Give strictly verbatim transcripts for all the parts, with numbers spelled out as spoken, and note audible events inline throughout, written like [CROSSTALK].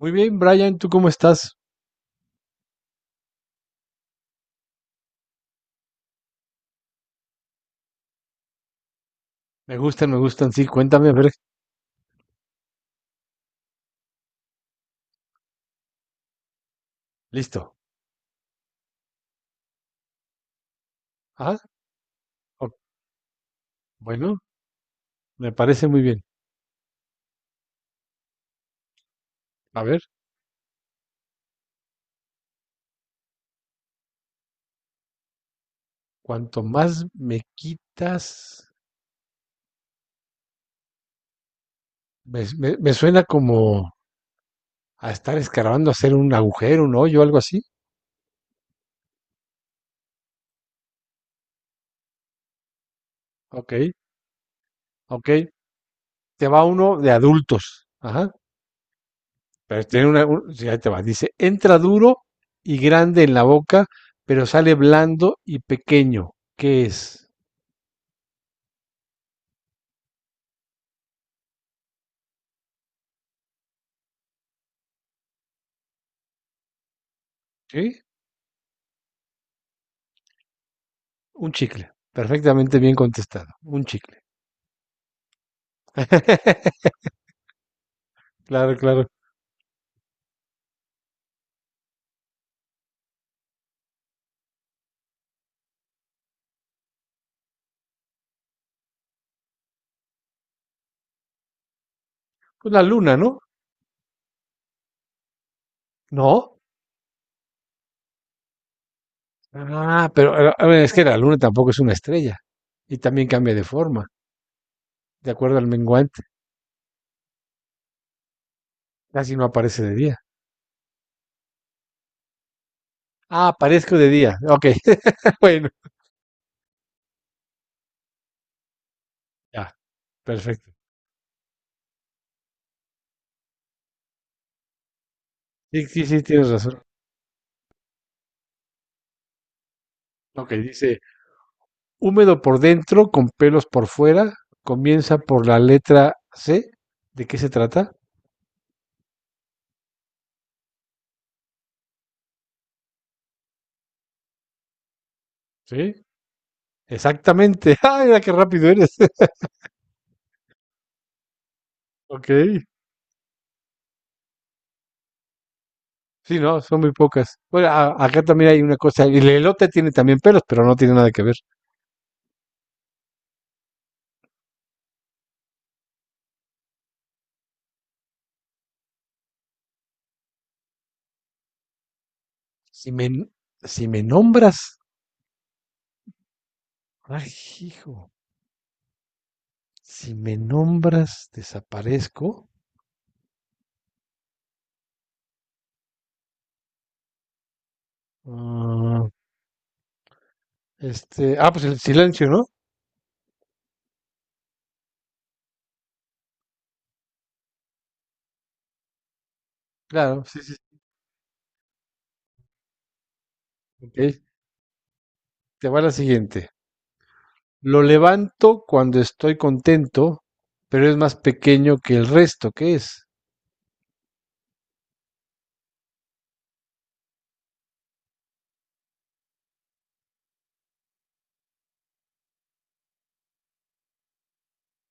Muy bien, Brian, ¿tú cómo estás? Me gustan, me gustan, sí, cuéntame, a ver, listo. Ah, o- bueno, me parece muy bien. A ver, cuanto más me quitas, me, me- me suena como a estar escarbando, hacer un agujero, un hoyo, algo así. Ok, ok, te va uno de adultos. Ajá, pero tiene una, un- sí, ahí te va, dice, entra duro y grande en la boca, pero sale blando y pequeño. ¿Qué es? ¿Sí? Un chicle. Perfectamente bien contestado. Un chicle. [LAUGHS] Claro, claro. Pues la luna, ¿no? No. Ah, pero a a ver, es que la luna tampoco es una estrella y también cambia de forma, de acuerdo al menguante. Casi no aparece de día. Ah, aparezco de día. Ok. [LAUGHS] Bueno, ya, perfecto. Sí, sí, sí, tienes razón. Ok, dice, húmedo por dentro, con pelos por fuera, comienza por la letra C. ¿De qué se trata? Sí, exactamente. [LAUGHS] Ah, mira qué rápido eres. [LAUGHS] Ok. Sí, no, son muy pocas. Bueno, a- acá también hay una cosa. El elote tiene también pelos, pero no tiene nada que ver. Si me, n- si me nombras, ay, hijo, si me nombras, desaparezco. Ah, este, ah, pues el silencio, ¿no? Claro, sí, sí. Ok, te va la siguiente. Lo levanto cuando estoy contento, pero es más pequeño que el resto. ¿Qué es?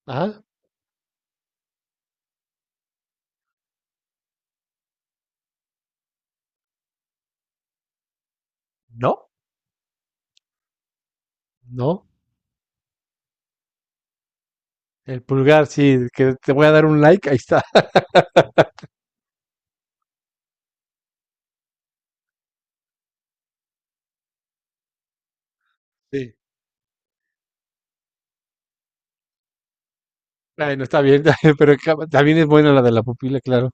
Ah, no, no. El pulgar, sí, que te voy a dar un like, ahí está. [LAUGHS] Sí. Bueno, está bien, [LAUGHS] pero ca- también es buena la de la pupila, claro.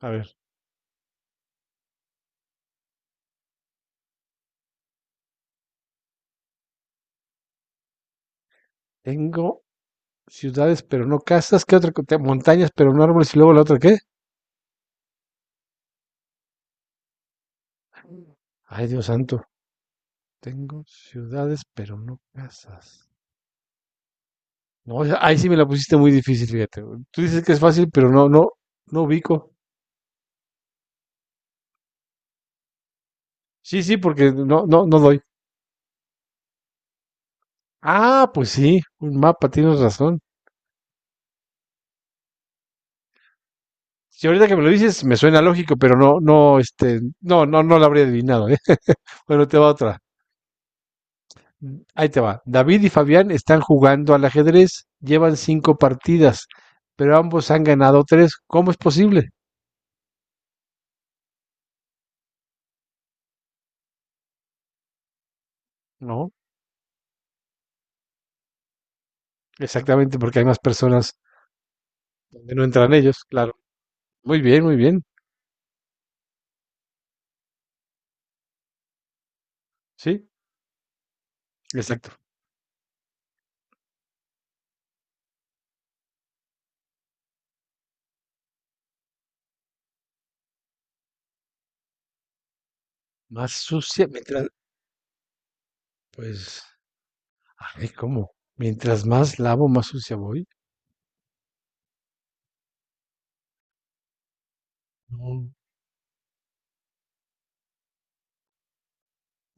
A ver, tengo ciudades, pero no casas. ¿Qué otra? co- te- Montañas, pero no árboles. Y luego la otra, ¿qué? Ay, Dios santo. Tengo ciudades, pero no casas. No, o sea, ahí sí me la pusiste muy difícil, fíjate, güey. Tú dices que es fácil, pero no, no, no ubico. Sí, sí, porque no, no, no doy. Ah, pues sí, un mapa, tienes razón. Si ahorita que me lo dices, me suena lógico, pero no, no, este, no, no, no lo habría adivinado, ¿eh? [LAUGHS] Bueno, te va otra. Mm, Ahí te va. David y Fabián están jugando al ajedrez, llevan cinco partidas, pero ambos han ganado tres. ¿Cómo es posible? No, exactamente, porque hay más personas donde no entran ellos, claro. Muy bien, muy bien. Sí, exacto. Más sucia, mientras, pues, ay, ¿cómo? Mientras más lavo, más sucia voy. No.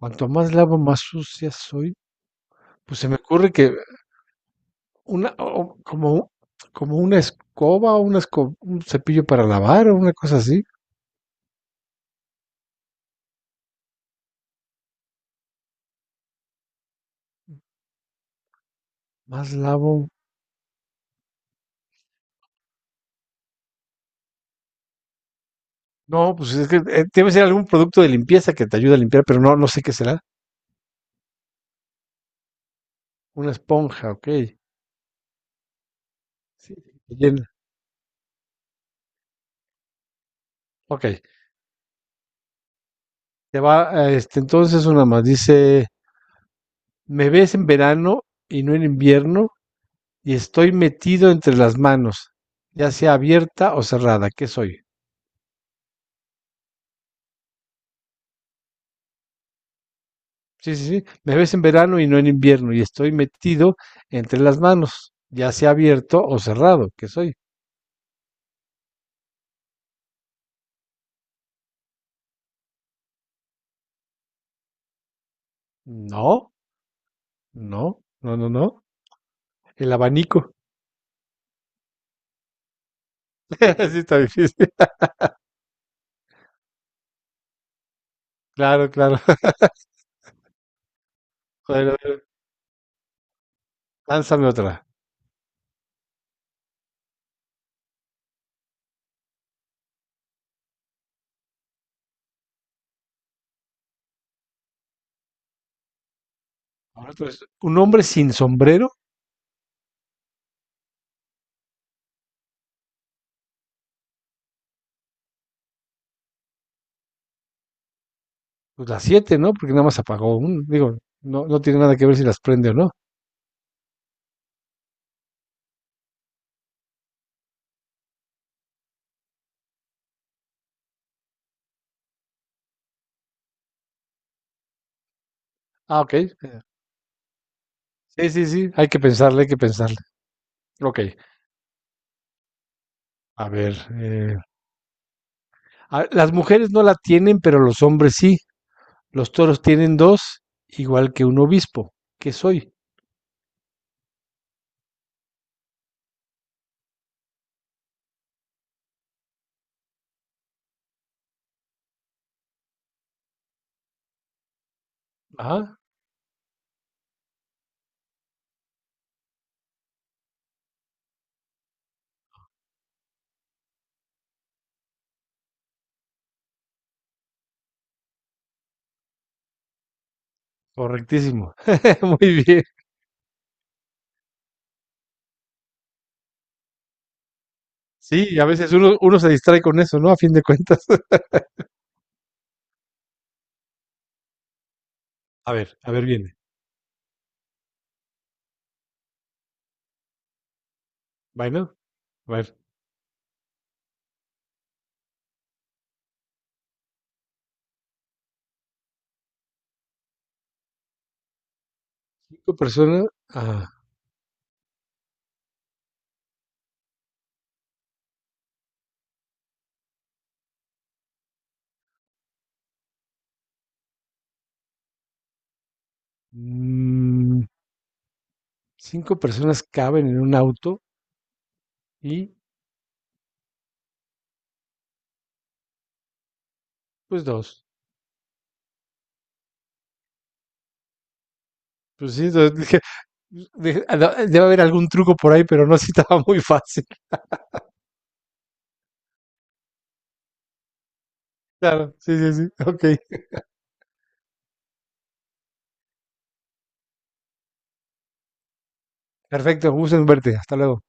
Cuanto más lavo, más sucia soy. Pues se me ocurre que una, o como, como una escoba o una esco- un cepillo para lavar o una cosa así. Más lavo. No, pues es que eh, debe ser algún producto de limpieza que te ayude a limpiar, pero no, no sé qué será. Una esponja, ok. Sí, te llena. Ok. Te va, eh, este, entonces una más. Dice, me ves en verano y no en invierno y estoy metido entre las manos, ya sea abierta o cerrada. ¿Qué soy? Sí, sí, sí. Me ves en verano y no en invierno y estoy metido entre las manos, ya sea abierto o cerrado. ¿Qué soy? No, no, no, no, no. El abanico. [LAUGHS] Sí, está difícil. Claro, claro. [LAUGHS] Bueno, bueno, lánzame otra. Ahora tú eres un hombre sin sombrero, pues las siete, ¿no? Porque nada más apagó un. Digo, no, no tiene nada que ver si las prende o no. Ah, ok. Sí, sí, sí. Hay que pensarle, hay que pensarle. Ok. A ver. eh, a- las mujeres no la tienen, pero los hombres sí. Los toros tienen dos, igual que un obispo. ¿Qué soy? Ajá, correctísimo. [LAUGHS] Muy bien. Sí, a veces uno, uno se distrae con eso, ¿no? A fin de cuentas. [LAUGHS] A ver, a ver, viene. Bueno, bueno. cinco personas, ah, mm, Cinco personas caben en un auto y pues dos. Pues sí, dos, [LAUGHS] dije, pues, dije, "Ah, no, debe haber algún truco por ahí, pero no, sí [LAUGHS] estaba muy fácil. Claro, sí, sí, sí. Ok, perfecto, gusto en verte. Hasta luego.